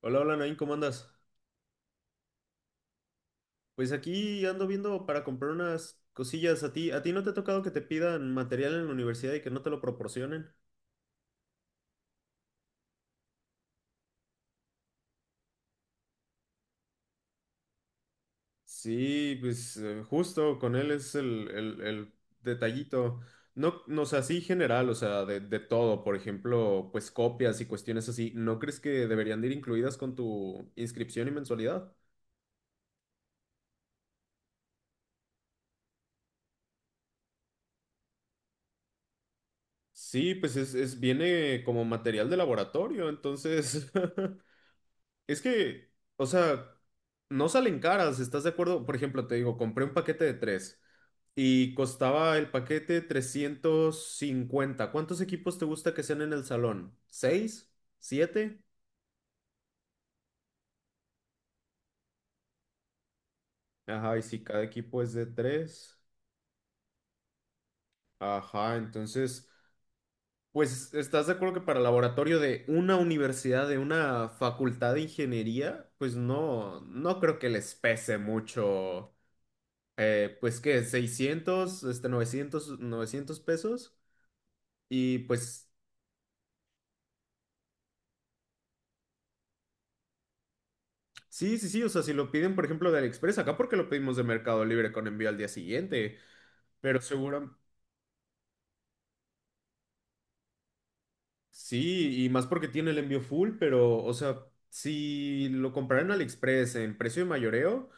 Hola, hola, Nain, ¿cómo andas? Pues aquí ando viendo para comprar unas cosillas. A ti no te ha tocado que te pidan material en la universidad y que no te lo proporcionen? Sí, pues justo con él es el detallito. No, no, o sea, sí general, o sea, de todo, por ejemplo, pues copias y cuestiones así. ¿No crees que deberían de ir incluidas con tu inscripción y mensualidad? Sí, pues viene como material de laboratorio, entonces Es que, o sea, no salen caras, ¿estás de acuerdo? Por ejemplo, te digo, compré un paquete de tres y costaba el paquete 350. ¿Cuántos equipos te gusta que sean en el salón? ¿Seis? ¿Siete? Ajá, y si cada equipo es de tres. Ajá, entonces, pues, ¿estás de acuerdo que para laboratorio de una universidad, de una facultad de ingeniería, pues no, no creo que les pese mucho pues que 600, 900, 900 pesos. Y pues sí, sí, sí, o sea, si lo piden, por ejemplo, de AliExpress, acá porque lo pedimos de Mercado Libre con envío al día siguiente, pero seguro, sí, y más porque tiene el envío full, pero, o sea, si lo compraran en AliExpress en precio de mayoreo.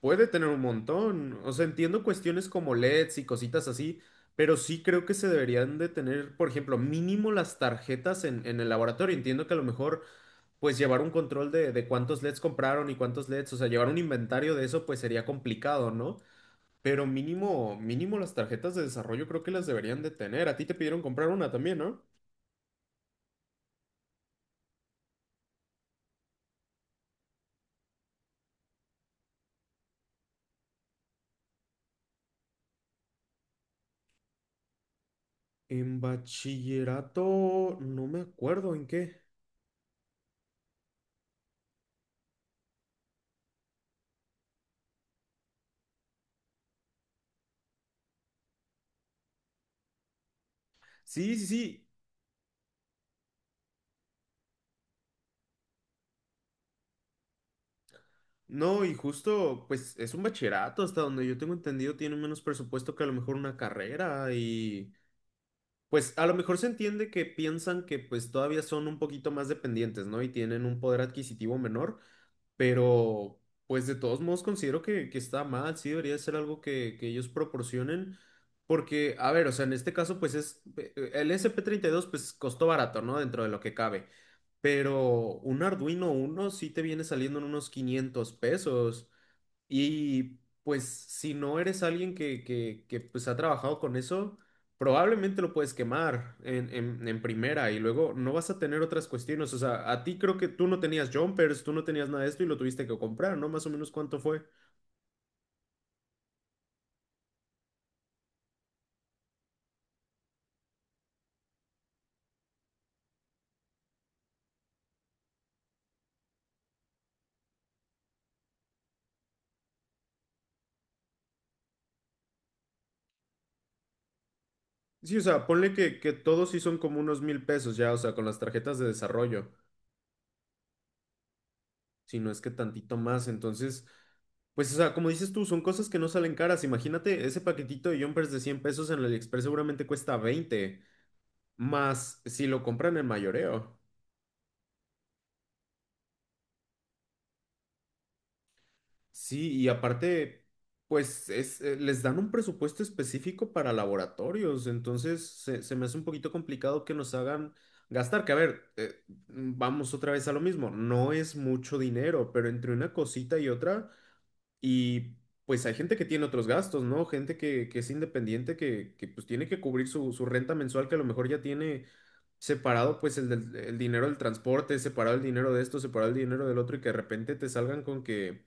Puede tener un montón. O sea, entiendo cuestiones como LEDs y cositas así, pero sí creo que se deberían de tener, por ejemplo, mínimo las tarjetas en el laboratorio. Entiendo que a lo mejor, pues llevar un control de cuántos LEDs compraron y cuántos LEDs, o sea, llevar un inventario de eso, pues sería complicado, ¿no? Pero mínimo, mínimo las tarjetas de desarrollo creo que las deberían de tener. A ti te pidieron comprar una también, ¿no? En bachillerato, no me acuerdo en qué. Sí, sí, sí. No, y justo, pues es un bachillerato, hasta donde yo tengo entendido, tiene menos presupuesto que a lo mejor una carrera y pues a lo mejor se entiende que piensan que pues todavía son un poquito más dependientes, ¿no? Y tienen un poder adquisitivo menor, pero pues de todos modos considero que está mal, sí debería ser algo que ellos proporcionen, porque, a ver, o sea, en este caso pues es, el SP32 pues costó barato, ¿no? Dentro de lo que cabe, pero un Arduino Uno sí te viene saliendo en unos 500 pesos. Y pues si no eres alguien que pues ha trabajado con eso, probablemente lo puedes quemar en primera y luego no vas a tener otras cuestiones. O sea, a ti creo que tú no tenías jumpers, tú no tenías nada de esto y lo tuviste que comprar, ¿no? Más o menos cuánto fue. Sí, o sea, ponle que todos sí son como unos mil pesos ya, o sea, con las tarjetas de desarrollo, si no es que tantito más. Entonces, pues, o sea, como dices tú, son cosas que no salen caras. Imagínate, ese paquetito de jumpers de 100 pesos en el AliExpress seguramente cuesta veinte. Más si lo compran en mayoreo. Sí, y aparte, pues es, les dan un presupuesto específico para laboratorios, entonces se me hace un poquito complicado que nos hagan gastar, que a ver, vamos otra vez a lo mismo, no es mucho dinero, pero entre una cosita y otra, y pues hay gente que tiene otros gastos, ¿no? Gente que es independiente, que pues tiene que cubrir su renta mensual, que a lo mejor ya tiene separado pues el dinero del transporte, separado el dinero de esto, separado el dinero del otro y que de repente te salgan con que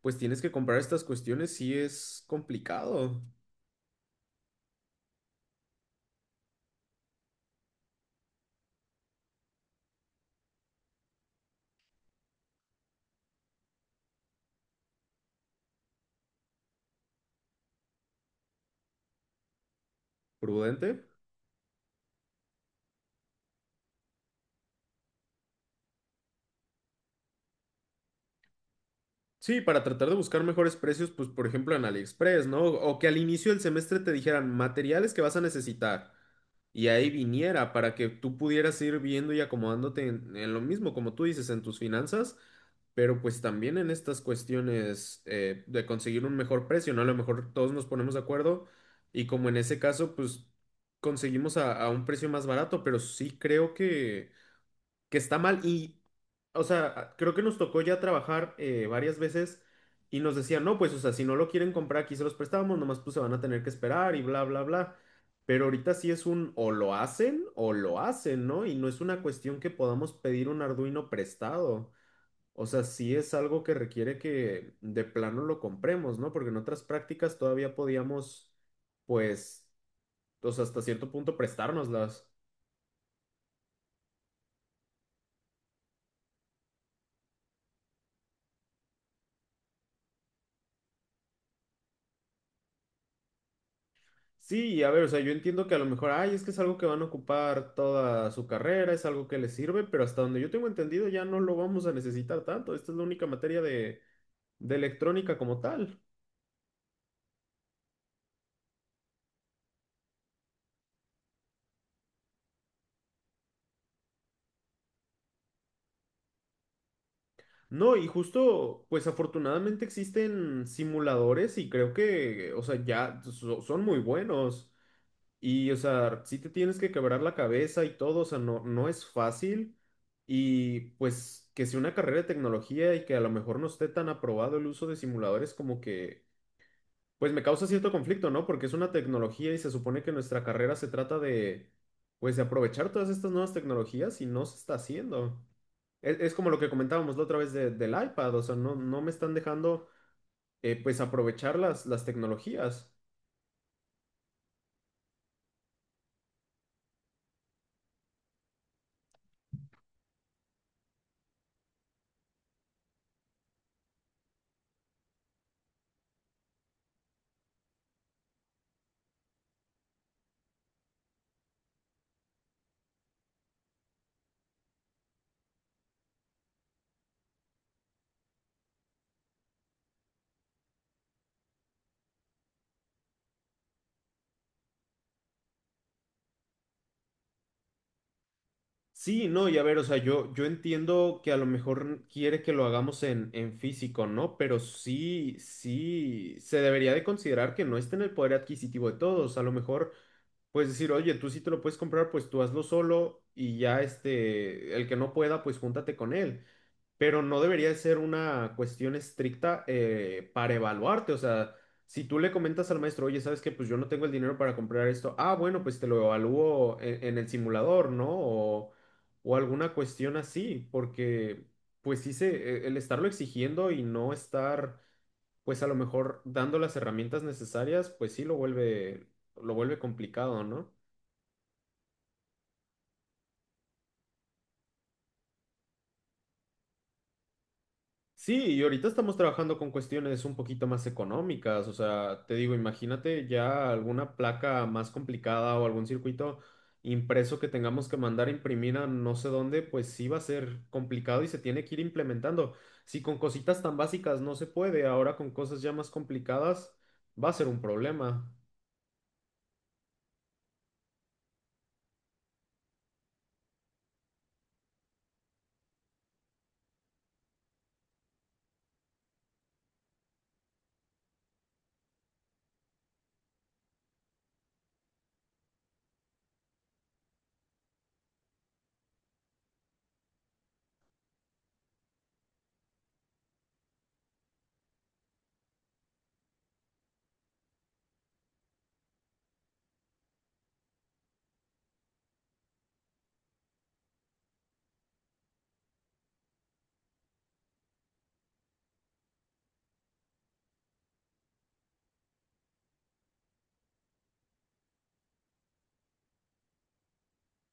pues tienes que comprar estas cuestiones, sí es complicado. ¿Prudente? Sí, para tratar de buscar mejores precios, pues por ejemplo en AliExpress, ¿no? O que al inicio del semestre te dijeran materiales que vas a necesitar y ahí viniera para que tú pudieras ir viendo y acomodándote en lo mismo, como tú dices, en tus finanzas, pero pues también en estas cuestiones de conseguir un mejor precio, ¿no? A lo mejor todos nos ponemos de acuerdo y como en ese caso, pues conseguimos a un precio más barato, pero sí creo que está mal y o sea, creo que nos tocó ya trabajar varias veces y nos decían, no, pues, o sea, si no lo quieren comprar, aquí se los prestamos, nomás pues se van a tener que esperar y bla, bla, bla. Pero ahorita sí es un o lo hacen, ¿no? Y no es una cuestión que podamos pedir un Arduino prestado. O sea, sí es algo que requiere que de plano lo compremos, ¿no? Porque en otras prácticas todavía podíamos, pues, o sea, hasta cierto punto prestárnoslas. Sí, y a ver, o sea, yo entiendo que a lo mejor, ay, es que es algo que van a ocupar toda su carrera, es algo que les sirve, pero hasta donde yo tengo entendido ya no lo vamos a necesitar tanto. Esta es la única materia de electrónica como tal. No, y justo, pues afortunadamente existen simuladores y creo que, o sea, son muy buenos. Y, o sea, sí te tienes que quebrar la cabeza y todo, o sea, no, no es fácil. Y pues que sea una carrera de tecnología y que a lo mejor no esté tan aprobado el uso de simuladores como que pues me causa cierto conflicto, ¿no? Porque es una tecnología y se supone que nuestra carrera se trata de, pues, de aprovechar todas estas nuevas tecnologías y no se está haciendo. Es como lo que comentábamos la otra vez del iPad, o sea, no, no me están dejando, pues, aprovechar las tecnologías. Sí, no, y a ver, o sea, yo entiendo que a lo mejor quiere que lo hagamos en físico, ¿no? Pero sí, sí, se debería de considerar que no está en el poder adquisitivo de todos. A lo mejor pues decir, oye, tú sí te lo puedes comprar, pues tú hazlo solo y ya este, el que no pueda, pues júntate con él. Pero no debería de ser una cuestión estricta para evaluarte. O sea, si tú le comentas al maestro, oye, ¿sabes qué? Pues yo no tengo el dinero para comprar esto. Ah, bueno, pues te lo evalúo en el simulador, ¿no? O alguna cuestión así, porque pues sí se, el estarlo exigiendo y no estar, pues a lo mejor dando las herramientas necesarias, pues sí lo vuelve complicado, ¿no? Sí, y ahorita estamos trabajando con cuestiones un poquito más económicas, o sea, te digo, imagínate ya alguna placa más complicada o algún circuito impreso que tengamos que mandar a imprimir a no sé dónde, pues sí va a ser complicado y se tiene que ir implementando. Si con cositas tan básicas no se puede, ahora con cosas ya más complicadas va a ser un problema.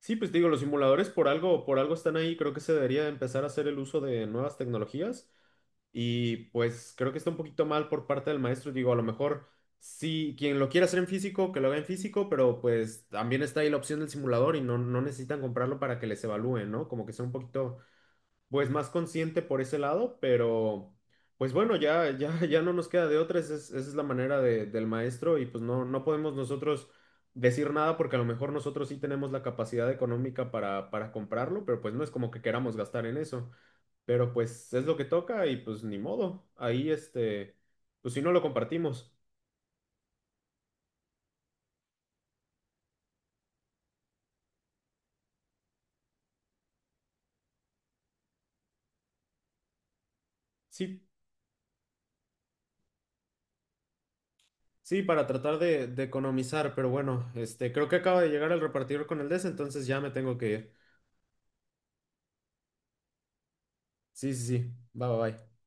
Sí, pues te digo, los simuladores por algo están ahí, creo que se debería empezar a hacer el uso de nuevas tecnologías. Y pues creo que está un poquito mal por parte del maestro. Digo, a lo mejor sí, quien lo quiera hacer en físico, que lo haga en físico, pero pues también está ahí la opción del simulador y no, no necesitan comprarlo para que les evalúen, ¿no? Como que sea un poquito, pues más consciente por ese lado, pero pues bueno, ya, ya, ya no nos queda de otra. Esa es la manera del maestro y pues no, no podemos nosotros decir nada porque a lo mejor nosotros sí tenemos la capacidad económica para comprarlo, pero pues no es como que queramos gastar en eso. Pero pues es lo que toca y pues ni modo. Ahí este, pues si no lo compartimos. Sí, sí, para tratar de economizar, pero bueno, este, creo que acaba de llegar el repartidor con el DES, entonces ya me tengo que ir. Sí, sí, sí. Bye, bye, bye.